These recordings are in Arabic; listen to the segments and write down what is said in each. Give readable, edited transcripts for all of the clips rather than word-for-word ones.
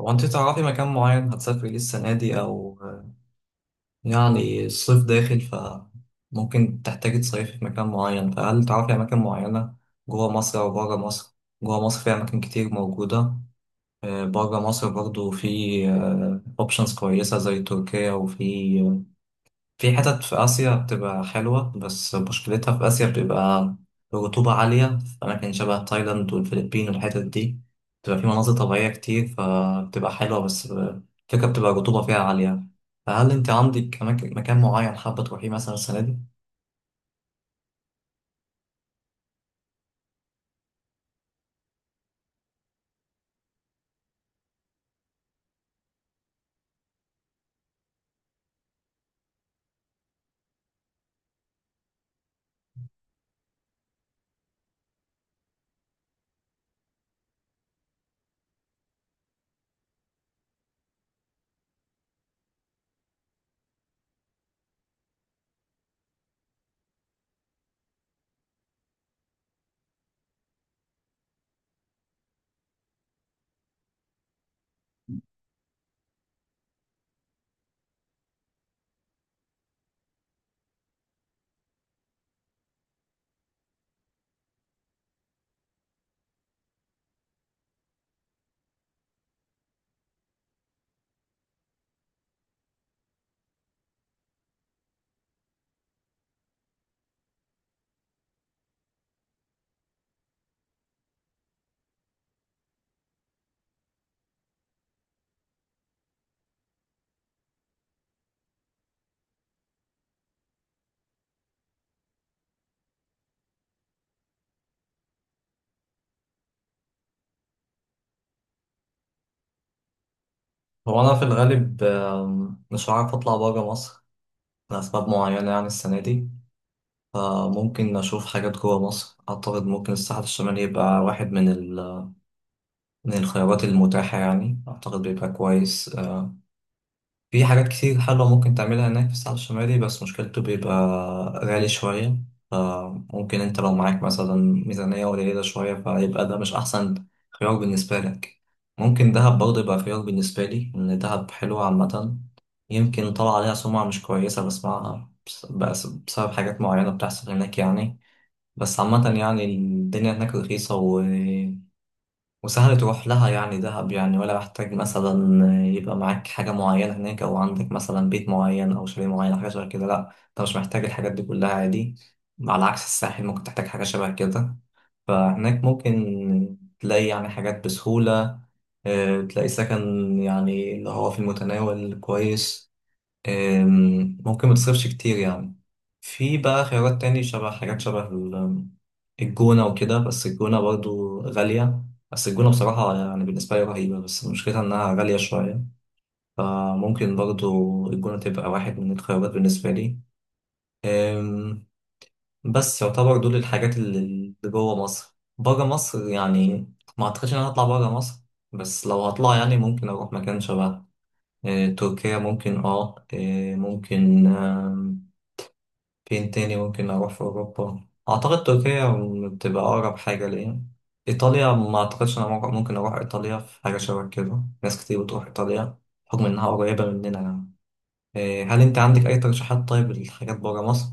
هو انت تعرفي مكان معين هتسافري ليه السنة دي أو يعني الصيف داخل، فممكن تحتاجي تصيفي في مكان معين. فهل تعرفي أماكن معينة جوه مصر أو بره مصر؟ جوه مصر في أماكن كتير موجودة. بره مصر برضو في أوبشنز كويسة زي تركيا، وفي في حتت في آسيا بتبقى حلوة، بس مشكلتها في آسيا بتبقى الرطوبة عالية في أماكن شبه تايلاند والفلبين والحتت دي. بتبقى في مناظر طبيعية كتير، فبتبقى حلوة، بس الفكرة بتبقى الرطوبة فيها عالية. فهل أنت عندك أماكن مكان معين حابة تروحيه مثلا السنة دي؟ هو أنا في الغالب مش عارف أطلع برا مصر لأسباب معينة يعني السنة دي. فممكن أشوف حاجات جوا مصر. أعتقد ممكن الساحل الشمالي يبقى واحد من من الخيارات المتاحة يعني. أعتقد بيبقى كويس. في حاجات كتير حلوة ممكن تعملها هناك في الساحل الشمالي، بس مشكلته بيبقى غالي شوية. فممكن انت لو معاك مثلا ميزانية قليلة شوية فيبقى ده مش أحسن خيار بالنسبة لك. ممكن دهب برضه يبقى خيار بالنسبة لي، إن دهب حلوة عامة. يمكن طلع عليها سمعة مش كويسة بسمعها، بس بسبب حاجات معينة بتحصل هناك يعني. بس عامة يعني الدنيا هناك رخيصة وسهل تروح لها، يعني دهب يعني. ولا محتاج مثلا يبقى معاك حاجة معينة هناك، أو عندك مثلا بيت معين أو شاليه معين حاجة شبه كده. لأ، أنت مش محتاج الحاجات دي كلها، عادي. على عكس الساحل ممكن تحتاج حاجة شبه كده. فهناك ممكن تلاقي يعني حاجات بسهولة. تلاقي سكن يعني اللي هو في المتناول كويس. ممكن ما تصرفش كتير يعني. في بقى خيارات تاني شبه حاجات شبه الجونة وكده، بس الجونة برضو غالية. بس الجونة بصراحة يعني بالنسبة لي رهيبة، بس مشكلتها إنها غالية شوية. فممكن برضو الجونة تبقى واحد من الخيارات بالنسبة لي. أم، بس يعتبر دول الحاجات اللي جوه مصر بره مصر يعني. ما أعتقدش إن أنا هطلع بره مصر. بس لو هطلع يعني ممكن أروح مكان شبه تركيا ممكن اه أه، ممكن. فين تاني ممكن أروح في أوروبا؟ أعتقد تركيا بتبقى أقرب حاجة ليا. إيطاليا ما أعتقدش أنا ممكن أروح إيطاليا في حاجة شبه كده. ناس كتير بتروح إيطاليا بحكم إنها قريبة مننا يعني. هل أنت عندك أي ترشيحات طيب لحاجات برا مصر؟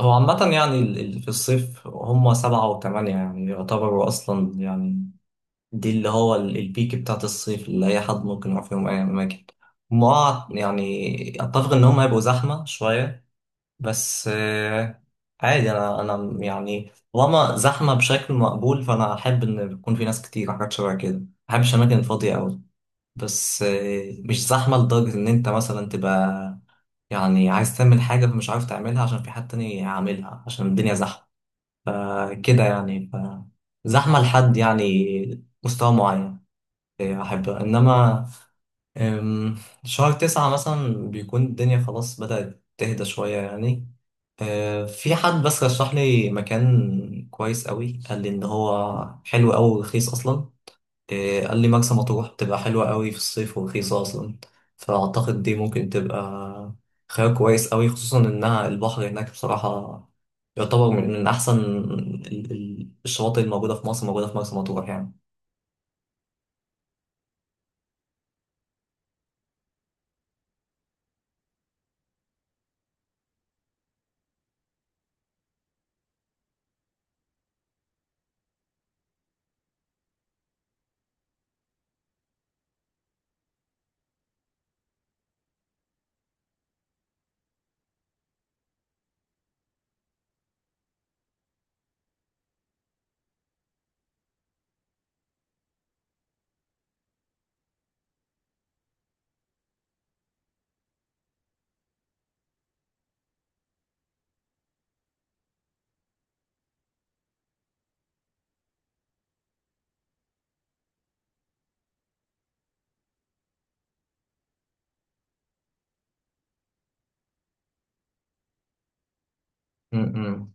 هو عامة يعني في الصيف هما 7 و8 يعني يعتبروا أصلا يعني. دي اللي هو البيك بتاعت الصيف اللي أي حد ممكن يروح فيهم أي أماكن. هما يعني أتفق إن هما هيبقوا زحمة شوية، بس عادي. انا يعني طالما زحمه بشكل مقبول فانا احب ان يكون في ناس كتير حاجات شبه كده، ما بحبش اماكن فاضيه قوي. بس مش زحمه لدرجه ان انت مثلا تبقى يعني عايز تعمل حاجه فمش عارف تعملها عشان في حد تاني عاملها عشان الدنيا زحمه، كده يعني. ف زحمه لحد يعني مستوى معين احبها، انما آم، شهر 9 مثلا بيكون الدنيا خلاص بدأت تهدى شوية يعني. في حد بس رشح لي مكان كويس قوي، قال لي ان هو حلو قوي ورخيص اصلا. قال لي مرسى مطروح بتبقى حلوه قوي في الصيف ورخيصه اصلا. فاعتقد دي ممكن تبقى خيار كويس قوي، خصوصا انها البحر هناك بصراحه يعتبر من احسن الشواطئ الموجوده في مصر موجوده في مرسى مطروح يعني. م-م.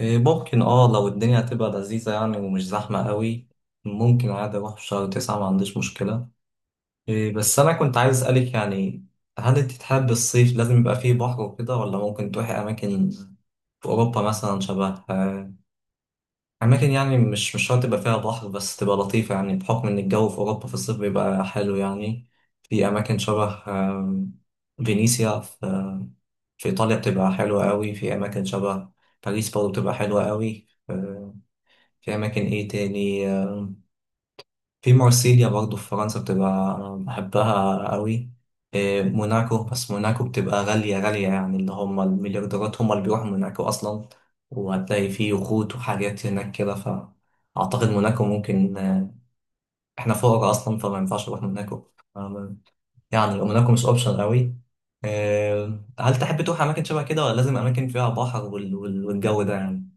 ممكن اه لو الدنيا هتبقى لذيذه يعني ومش زحمه قوي، ممكن عادي اروح في شهر 9، ما عنديش مشكله. بس أنا كنت عايز أسألك يعني، هل أنت تحب الصيف لازم يبقى فيه بحر وكده، ولا ممكن تروحي أماكن في أوروبا مثلا شبه أماكن يعني مش شرط يبقى فيها بحر بس تبقى لطيفة، يعني بحكم إن الجو في أوروبا في الصيف بيبقى حلو يعني. في أماكن شبه فينيسيا في في إيطاليا بتبقى حلوة قوي. في أماكن شبه باريس برضه بتبقى حلوة قوي. في أماكن إيه تاني في مارسيليا برضه في فرنسا، بتبقى أنا بحبها قوي. موناكو. بس موناكو بتبقى غالية غالية يعني، اللي هم المليارديرات هم اللي بيروحوا موناكو أصلا، وهتلاقي فيه يخوت وحاجات هناك كده. فأعتقد موناكو ممكن إحنا فقراء أصلا فما ينفعش نروح موناكو. آه، يعني موناكو مش أوبشن قوي. هل تحب تروح أماكن شبه كده ولا لازم أماكن فيها بحر والجو ده يعني؟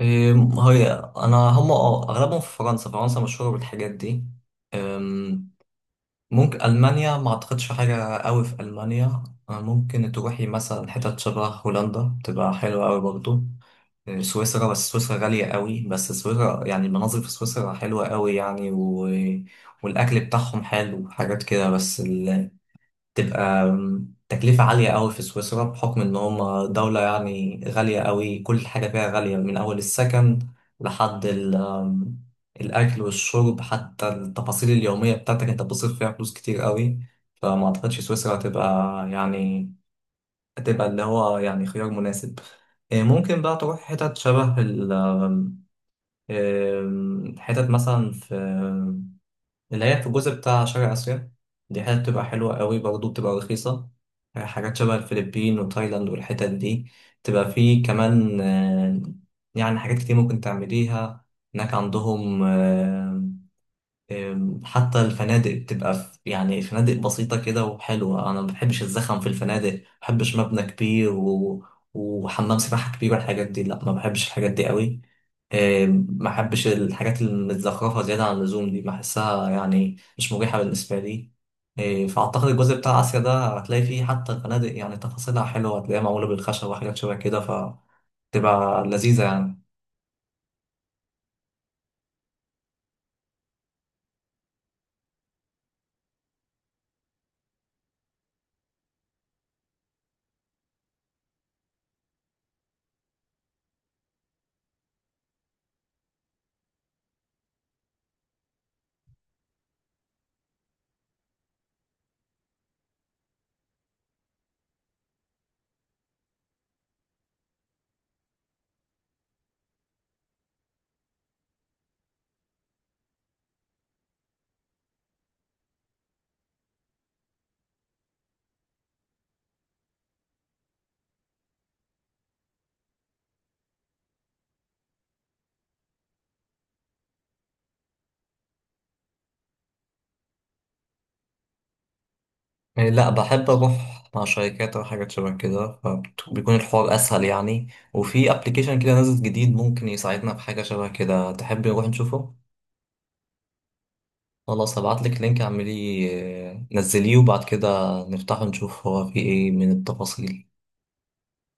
إيه، هي أنا هم اه أغلبهم في فرنسا. فرنسا مشهورة بالحاجات دي. ممكن ألمانيا، ما أعتقدش في حاجة قوي في ألمانيا. ممكن تروحي مثلا حتت شبه هولندا، تبقى حلوة قوي برضو. سويسرا. بس سويسرا غالية قوي، بس سويسرا يعني المناظر في سويسرا حلوة قوي يعني. والأكل بتاعهم حلو حاجات كده، بس تبقى تكلفة عالية قوي في سويسرا بحكم إن هم دولة يعني غالية قوي، كل حاجة فيها غالية من أول السكن لحد ال آم، الأكل والشرب، حتى التفاصيل اليومية بتاعتك أنت بتصرف فيها فلوس كتير قوي. فما أعتقدش سويسرا هتبقى يعني هتبقى اللي هو يعني خيار مناسب. ممكن بقى تروح حتت شبه ال آم، آم، حتت مثلا في اللي هي في الجزء بتاع شرق آسيا. دي حتة بتبقى حلوة قوي برضه، بتبقى رخيصة. حاجات شبه الفلبين وتايلاند والحتت دي، تبقى فيه كمان يعني حاجات كتير ممكن تعمليها هناك عندهم. آه، أم، حتى الفنادق بتبقى في يعني فنادق بسيطة كده وحلوة. أنا ما بحبش الزخم في الفنادق، ما بحبش مبنى كبير وحمام سباحة كبير والحاجات دي. لا، ما بحبش الحاجات دي قوي. ما بحبش الحاجات المتزخرفة زيادة عن اللزوم دي، بحسها يعني مش مريحة بالنسبة لي. فأعتقد الجزء بتاع آسيا ده هتلاقي فيه حتى الفنادق يعني تفاصيلها حلوة، هتلاقيها معمولة بالخشب وحاجات شبه كده فتبقى لذيذة يعني. يعني لا، بحب اروح مع شركات او حاجات شبه كده فبيكون الحوار اسهل يعني. وفي ابلكيشن كده نازل جديد ممكن يساعدنا في حاجه شبه كده، تحب نروح نشوفه؟ خلاص، هبعت لك لينك اعمليه نزليه، وبعد كده نفتحه نشوف هو فيه ايه من التفاصيل.